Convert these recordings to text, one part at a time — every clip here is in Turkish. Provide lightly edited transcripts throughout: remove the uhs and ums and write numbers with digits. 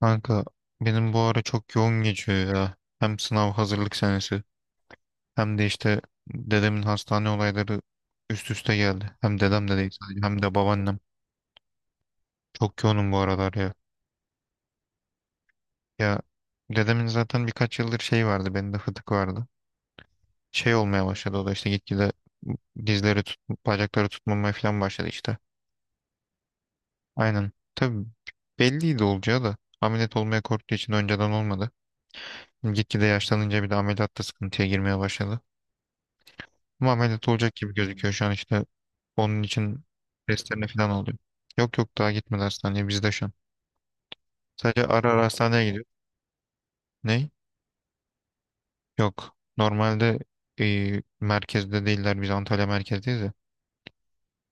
Kanka benim bu ara çok yoğun geçiyor ya. Hem sınav hazırlık senesi hem de işte dedemin hastane olayları üst üste geldi. Hem dedem de değil sadece, hem de babaannem. Çok yoğunum bu aralar ya. Ya, dedemin zaten birkaç yıldır şey vardı, bende fıtık vardı. Şey olmaya başladı, o da işte gitgide dizleri tut, bacakları tutmamaya falan başladı işte. Aynen. Tabii belliydi olacağı da, ameliyat olmaya korktuğu için önceden olmadı. Gitgide yaşlanınca bir de ameliyatta sıkıntıya girmeye başladı. Ama ameliyat olacak gibi gözüküyor şu an işte. Onun için testlerine falan oluyor. Yok yok, daha gitmedi hastaneye, bizde şu an. Sadece ara ara hastaneye gidiyor. Ne? Yok. Normalde merkezde değiller. Biz Antalya merkezdeyiz ya.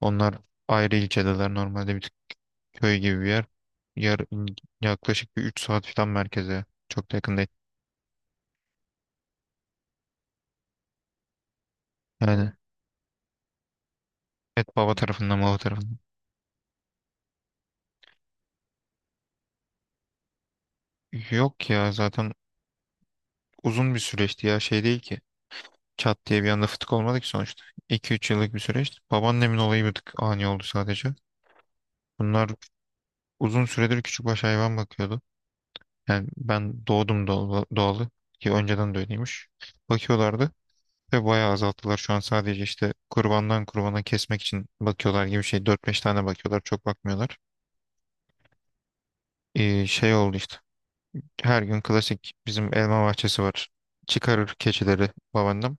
Onlar ayrı ilçedeler. Normalde bir tık köy gibi bir yer. Yar, yaklaşık bir 3 saat falan merkeze. Çok da yakın değil. Yani baba tarafından, baba tarafından. Yok ya, zaten uzun bir süreçti ya, şey değil ki. Çat diye bir anda fıtık olmadı ki sonuçta. 2 üç yıllık bir süreç. Babaannemin olayı bir tık ani oldu sadece. Bunlar uzun süredir küçükbaş hayvan bakıyordu. Yani ben doğdum doğalı ki önceden de öyleymiş. Bakıyorlardı ve bayağı azalttılar. Şu an sadece işte kurbandan kurbana kesmek için bakıyorlar gibi şey. Dört beş tane bakıyorlar, çok bakmıyorlar. Şey oldu işte. Her gün klasik, bizim elma bahçesi var. Çıkarır keçileri babaannem.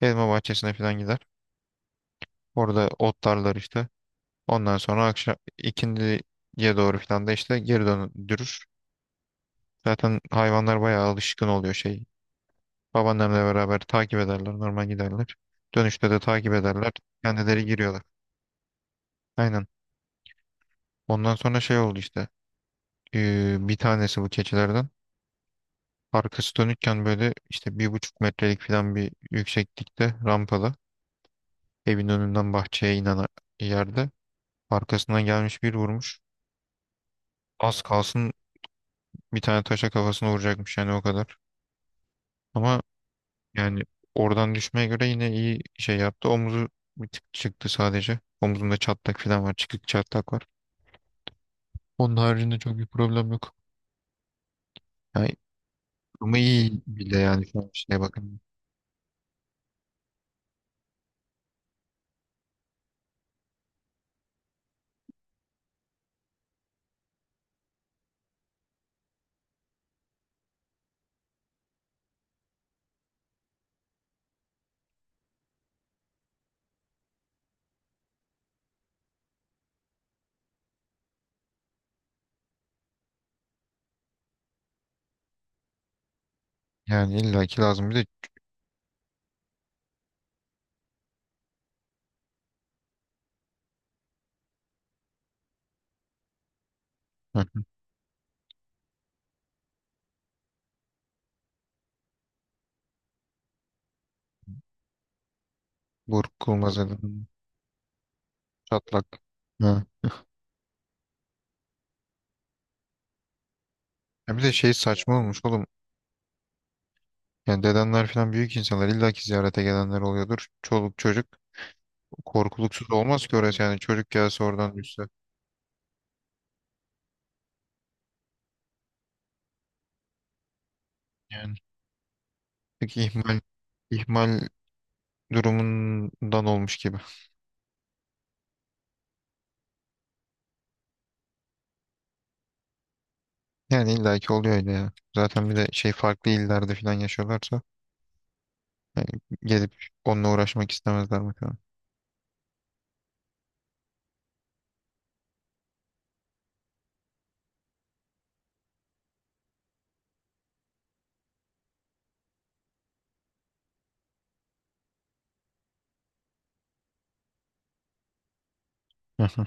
Elma bahçesine falan gider. Orada otlarlar işte. Ondan sonra akşam ikindiye doğru falan da işte geri döndürür. Zaten hayvanlar bayağı alışkın oluyor şey. Babaannemle beraber takip ederler, normal giderler. Dönüşte de takip ederler. Kendileri giriyorlar. Aynen. Ondan sonra şey oldu işte. Bir tanesi bu keçilerden. Arkası dönükken böyle işte bir buçuk metrelik falan bir yükseklikte rampada, evin önünden bahçeye inen yerde, arkasından gelmiş bir vurmuş. Az kalsın bir tane taşa kafasına vuracakmış yani, o kadar. Ama yani oradan düşmeye göre yine iyi şey yaptı. Omuzu bir tık çıktı sadece. Omuzunda çatlak falan var. Çıkık çatlak var. Onun haricinde çok bir problem yok. Yani ama iyi bile yani şu an, şeye bakın. Yani illaki lazım bir de. Hı hı. Burkulmaz dedim. Çatlak. Ha. Ya bir de şey saçma olmuş oğlum. Yani dedenler falan büyük insanlar, illaki ziyarete gelenler oluyordur. Çoluk çocuk, korkuluksuz olmaz ki orası yani, çocuk gelse oradan düşse. Yani peki, ihmal durumundan olmuş gibi. Yani illaki oluyor öyle ya. Zaten bir de şey, farklı illerde falan yaşıyorlarsa yani, gelip onunla uğraşmak istemezler bakalım. Hı hı.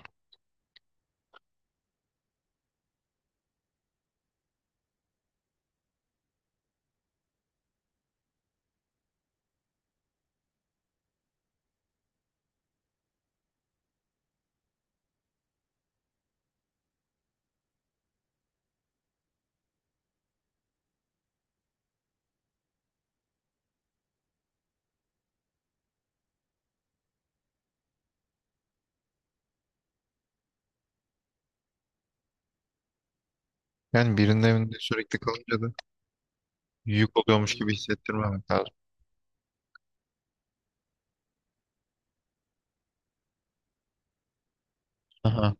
Yani birinin evinde sürekli kalınca da yük oluyormuş gibi hissettirmemek lazım. Aha.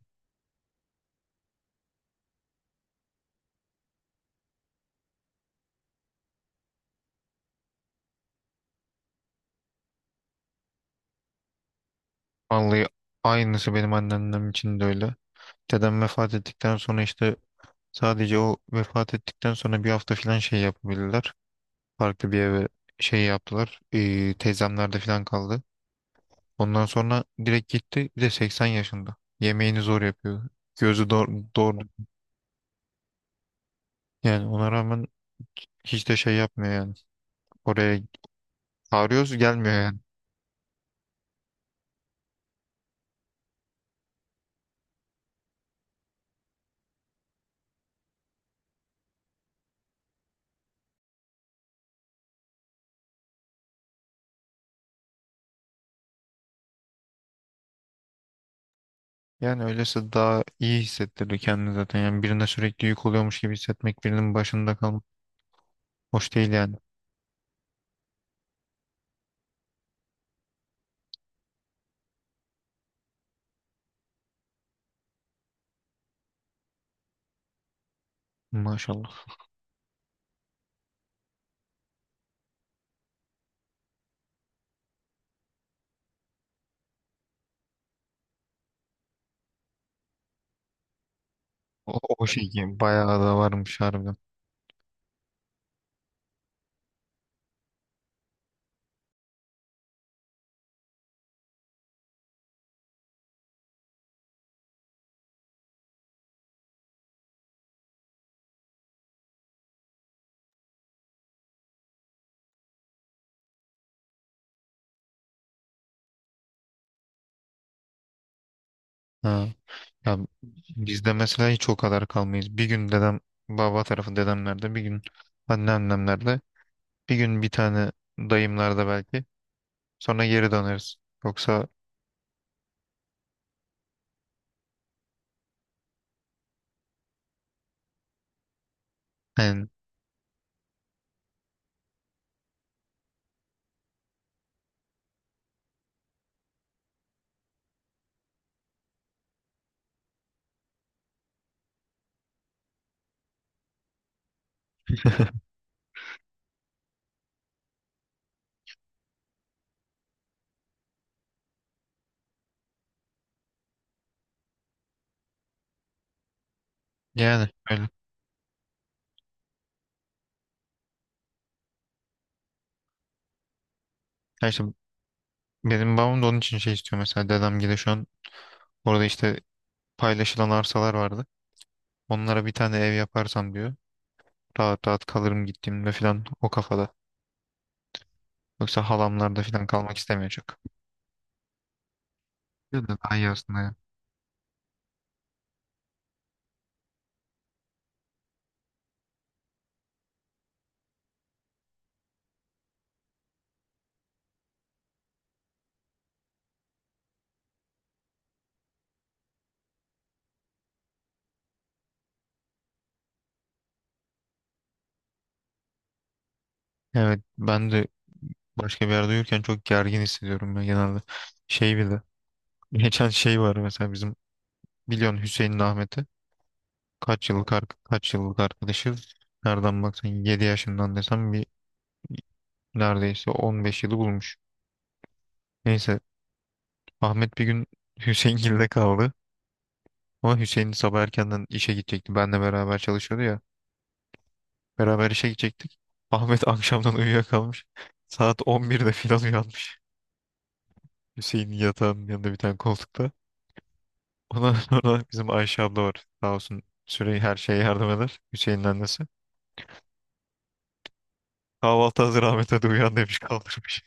Vallahi aynısı benim anneannem için de öyle. Dedem vefat ettikten sonra işte, sadece o vefat ettikten sonra bir hafta falan şey yapabildiler. Farklı bir eve şey yaptılar. Teyzemlerde falan kaldı. Ondan sonra direkt gitti. Bir de 80 yaşında. Yemeğini zor yapıyor. Gözü doğru, yani ona rağmen hiç de şey yapmıyor yani. Oraya çağırıyoruz, gelmiyor yani. Yani öylesi daha iyi hissettirir kendini zaten. Yani birine sürekli yük oluyormuş gibi hissetmek, birinin başında kalmak hoş değil yani. Maşallah. O şey ki bayağı da varmış harbiden. Ha. Ya bizde mesela hiç o kadar kalmayız. Bir gün dedem, baba tarafı dedemlerde bir gün, anneannemlerde bir gün, bir tane dayımlarda belki, sonra geri döneriz. Yoksa yani, yani öyle. Ya işte benim babam da onun için şey istiyor mesela, dedem gibi şu an orada işte paylaşılan arsalar vardı. Onlara bir tane ev yaparsam diyor. Rahat rahat kalırım gittiğimde falan, o kafada. Yoksa halamlarda falan kalmak istemiyor çok. Ya da daha iyi aslında ya. Evet, ben de başka bir yerde uyurken çok gergin hissediyorum ben genelde. Şey bile. Geçen şey var mesela, bizim biliyorsun Hüseyin'le Ahmet'i. Kaç yıllık, kaç yıllık arkadaşız. Nereden baksan 7 yaşından desem bir, neredeyse 15 yılı bulmuş. Neyse, Ahmet bir gün Hüseyingil'de kaldı. Ama Hüseyin sabah erkenden işe gidecekti. Benle beraber çalışıyordu ya. Beraber işe gidecektik. Ahmet akşamdan uyuyakalmış. Saat 11'de filan uyanmış. Hüseyin'in yatağının yanında bir tane koltukta. Ondan sonra bizim Ayşe abla var. Sağ olsun süreyi her şeye yardım eder. Hüseyin'in annesi. Kahvaltı hazır, Ahmet hadi uyan, demiş, kaldırmış.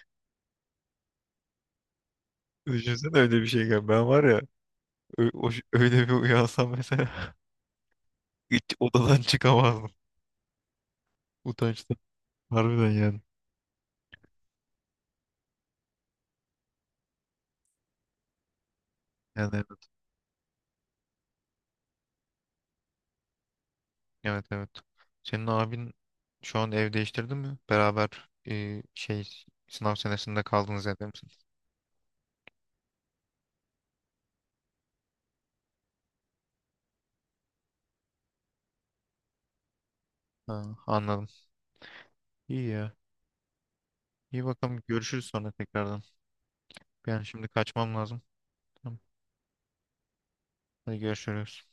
Düşünsene öyle bir şey. Gel. Ben var ya, öyle bir uyansam mesela hiç odadan çıkamazdım. Utançtan. Harbiden yani. Yani evet, evet. Senin abin şu an ev değiştirdi mi? Beraber şey, sınav senesinde kaldınız, evde misin? Ha, anladım. İyi ya. İyi bakalım, görüşürüz sonra tekrardan. Ben şimdi kaçmam lazım. Tamam. Hadi görüşürüz.